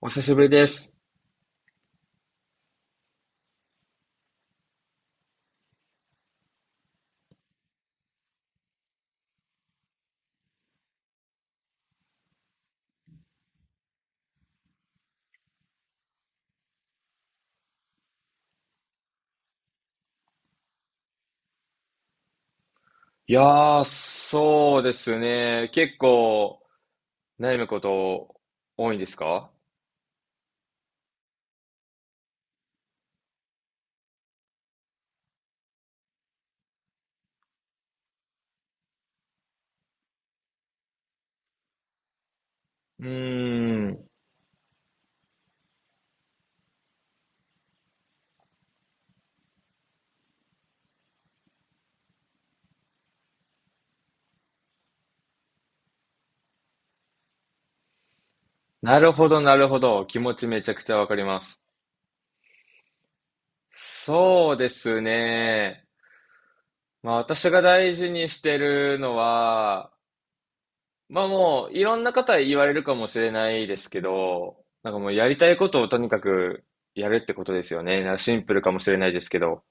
お久しぶりです。いやそうですね。結構悩むこと多いんですか？うーん。なるほど、なるほど。気持ちめちゃくちゃわかります。そうですね。まあ私が大事にしてるのは、まあもういろんな方言われるかもしれないですけど、もうやりたいことをとにかくやるってことですよね。シンプルかもしれないですけど、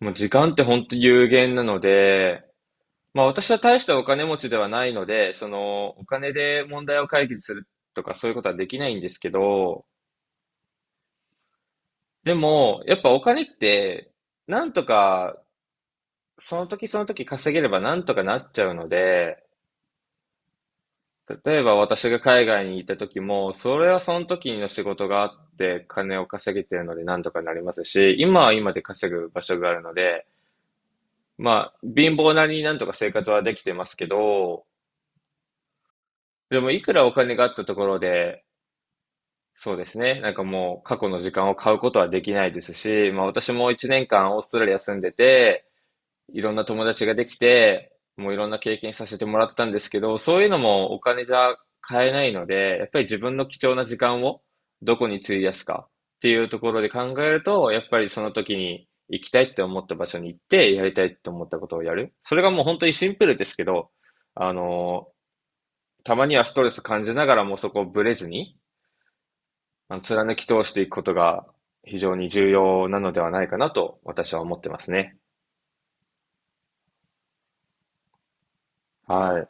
もう時間って本当有限なので、まあ私は大したお金持ちではないので、そのお金で問題を解決するとかそういうことはできないんですけど、でもやっぱお金ってなんとかその時その時稼げればなんとかなっちゃうので、例えば私が海外に行った時も、それはその時の仕事があって金を稼げてるのでなんとかなりますし、今は今で稼ぐ場所があるので、まあ貧乏なりになんとか生活はできてますけど、でもいくらお金があったところで、そうですね。もう過去の時間を買うことはできないですし、まあ私も1年間オーストラリア住んでて、いろんな友達ができて、もういろんな経験させてもらったんですけど、そういうのもお金じゃ買えないので、やっぱり自分の貴重な時間をどこに費やすかっていうところで考えると、やっぱりその時に行きたいって思った場所に行って、やりたいって思ったことをやる。それがもう本当にシンプルですけど、あの、たまにはストレス感じながらもそこをブレずに、貫き通していくことが非常に重要なのではないかなと私は思ってますね。はい。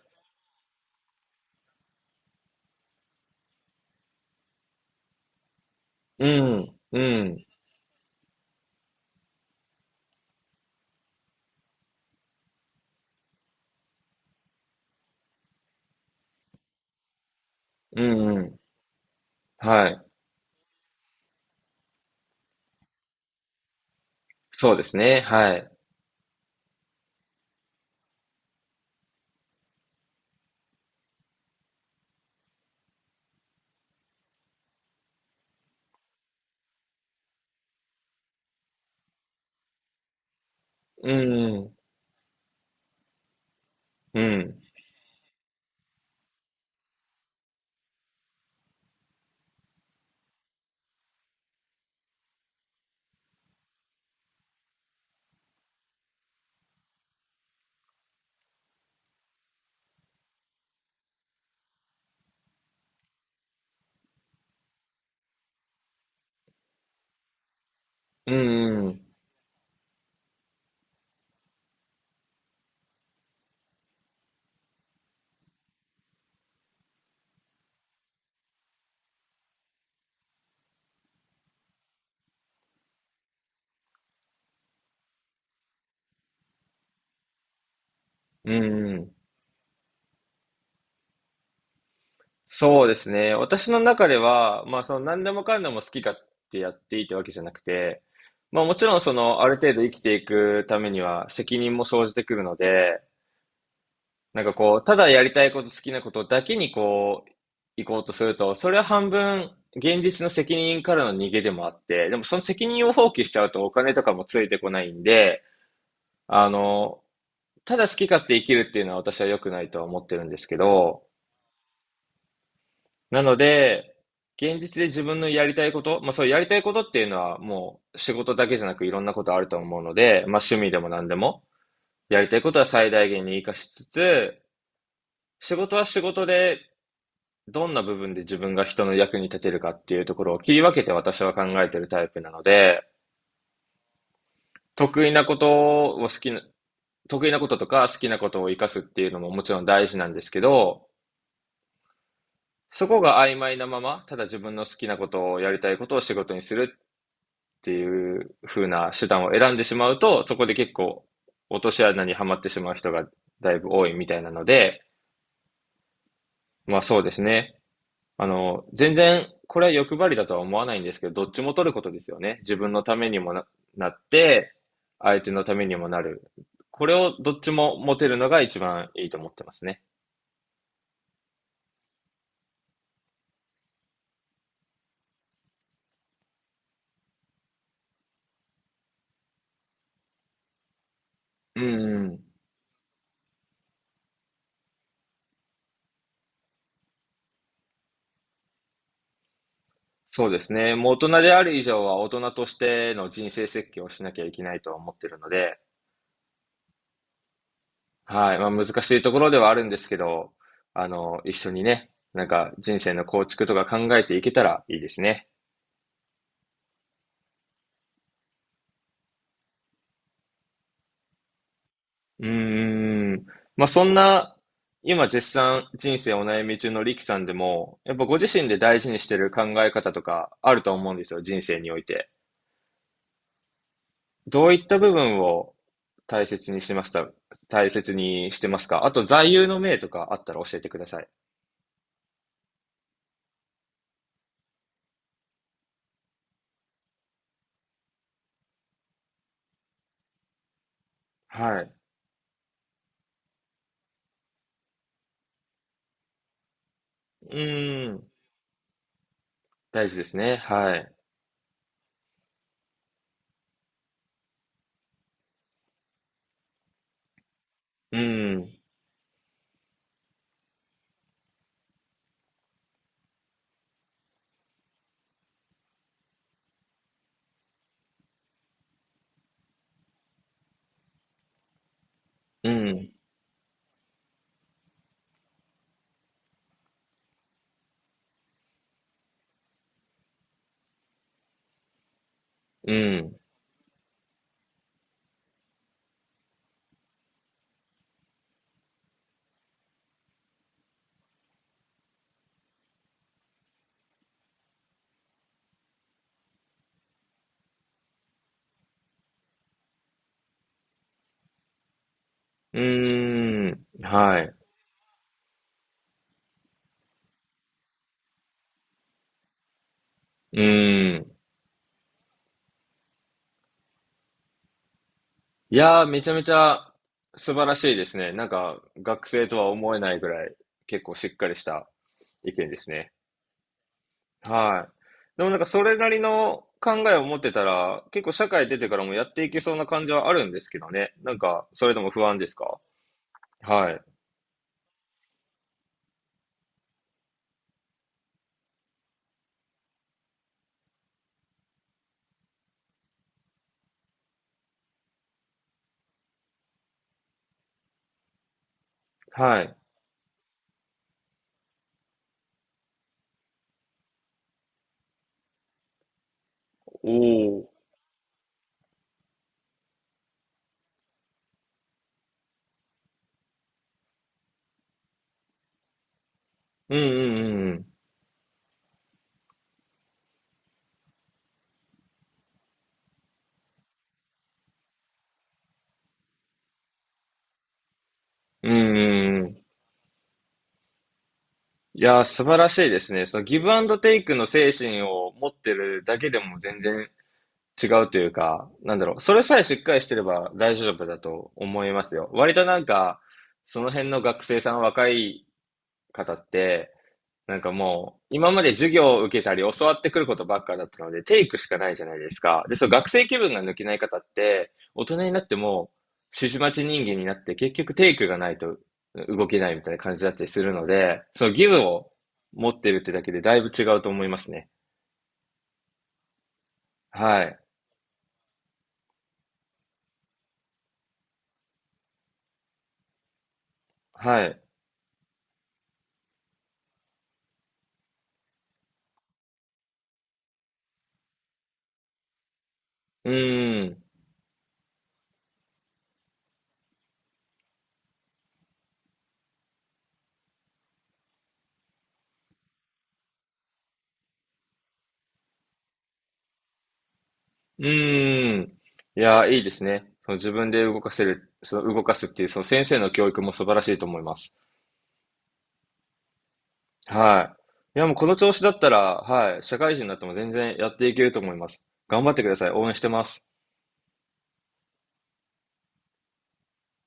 うん、うん、うん、うん。はい。そうですね。はい。うん、うん、うん、うん、うん、うん。そうですね。私の中では、まあ、その何でもかんでも好きかってやっていいってわけじゃなくて、まあ、もちろんそのある程度生きていくためには責任も生じてくるので、こう、ただやりたいこと、好きなことだけにこう、行こうとすると、それは半分、現実の責任からの逃げでもあって、でもその責任を放棄しちゃうとお金とかもついてこないんで、あの、ただ好き勝手生きるっていうのは私は良くないとは思ってるんですけど、なので、現実で自分のやりたいこと、まあそうやりたいことっていうのはもう仕事だけじゃなくいろんなことあると思うので、まあ趣味でも何でも、やりたいことは最大限に活かしつつ、仕事は仕事でどんな部分で自分が人の役に立てるかっていうところを切り分けて私は考えてるタイプなので、得意なことを好きな、得意なこととか好きなことを活かすっていうのももちろん大事なんですけど、そこが曖昧なまま、ただ自分の好きなことをやりたいことを仕事にするっていう風な手段を選んでしまうと、そこで結構落とし穴にはまってしまう人がだいぶ多いみたいなので、まあそうですね。全然、これは欲張りだとは思わないんですけど、どっちも取ることですよね。自分のためにもな、なって、相手のためにもなる。これをどっちも持てるのが一番いいと思ってますね。うんうん。そうですね。もう大人である以上は大人としての人生設計をしなきゃいけないとは思ってるので、はい。まあ難しいところではあるんですけど、一緒にね、人生の構築とか考えていけたらいいですね。うーん。まあ、そんな、今絶賛人生お悩み中のリキさんでも、やっぱご自身で大事にしてる考え方とかあると思うんですよ、人生において。どういった部分を大切にしてますか大切にしてますか？あと、座右の銘とかあったら教えてください。はい。うーん。大事ですね。はい。うん。うん。うん。うーん。はい。うーん。いやー、めちゃめちゃ素晴らしいですね。学生とは思えないぐらい、結構しっかりした意見ですね。はい。でもなんか、それなりの考えを持ってたら、結構社会出てからもやっていけそうな感じはあるんですけどね。なんか、それでも不安ですか？はい。はい。おお。うんうんうんうん。うんうんうん。いやー、素晴らしいですね。そのギブアンドテイクの精神を持ってるだけでも全然違うというか、なんだろう、それさえしっかりしてれば大丈夫だと思いますよ。割となんか、その辺の学生さん、若い方って、もう、今まで授業を受けたり教わってくることばっかだったので、テイクしかないじゃないですか。で、そう、学生気分が抜けない方って、大人になっても、指示待ち人間になって、結局テイクがないと動けないみたいな感じだったりするので、その義務を持ってるってだけでだいぶ違うと思いますね。はい。はい。うーん。うーん。いや、いいですね。その自分で動かせる、その動かすっていう、その先生の教育も素晴らしいと思います。はい。いや、もうこの調子だったら、はい、社会人になっても全然やっていけると思います。頑張ってください。応援してます。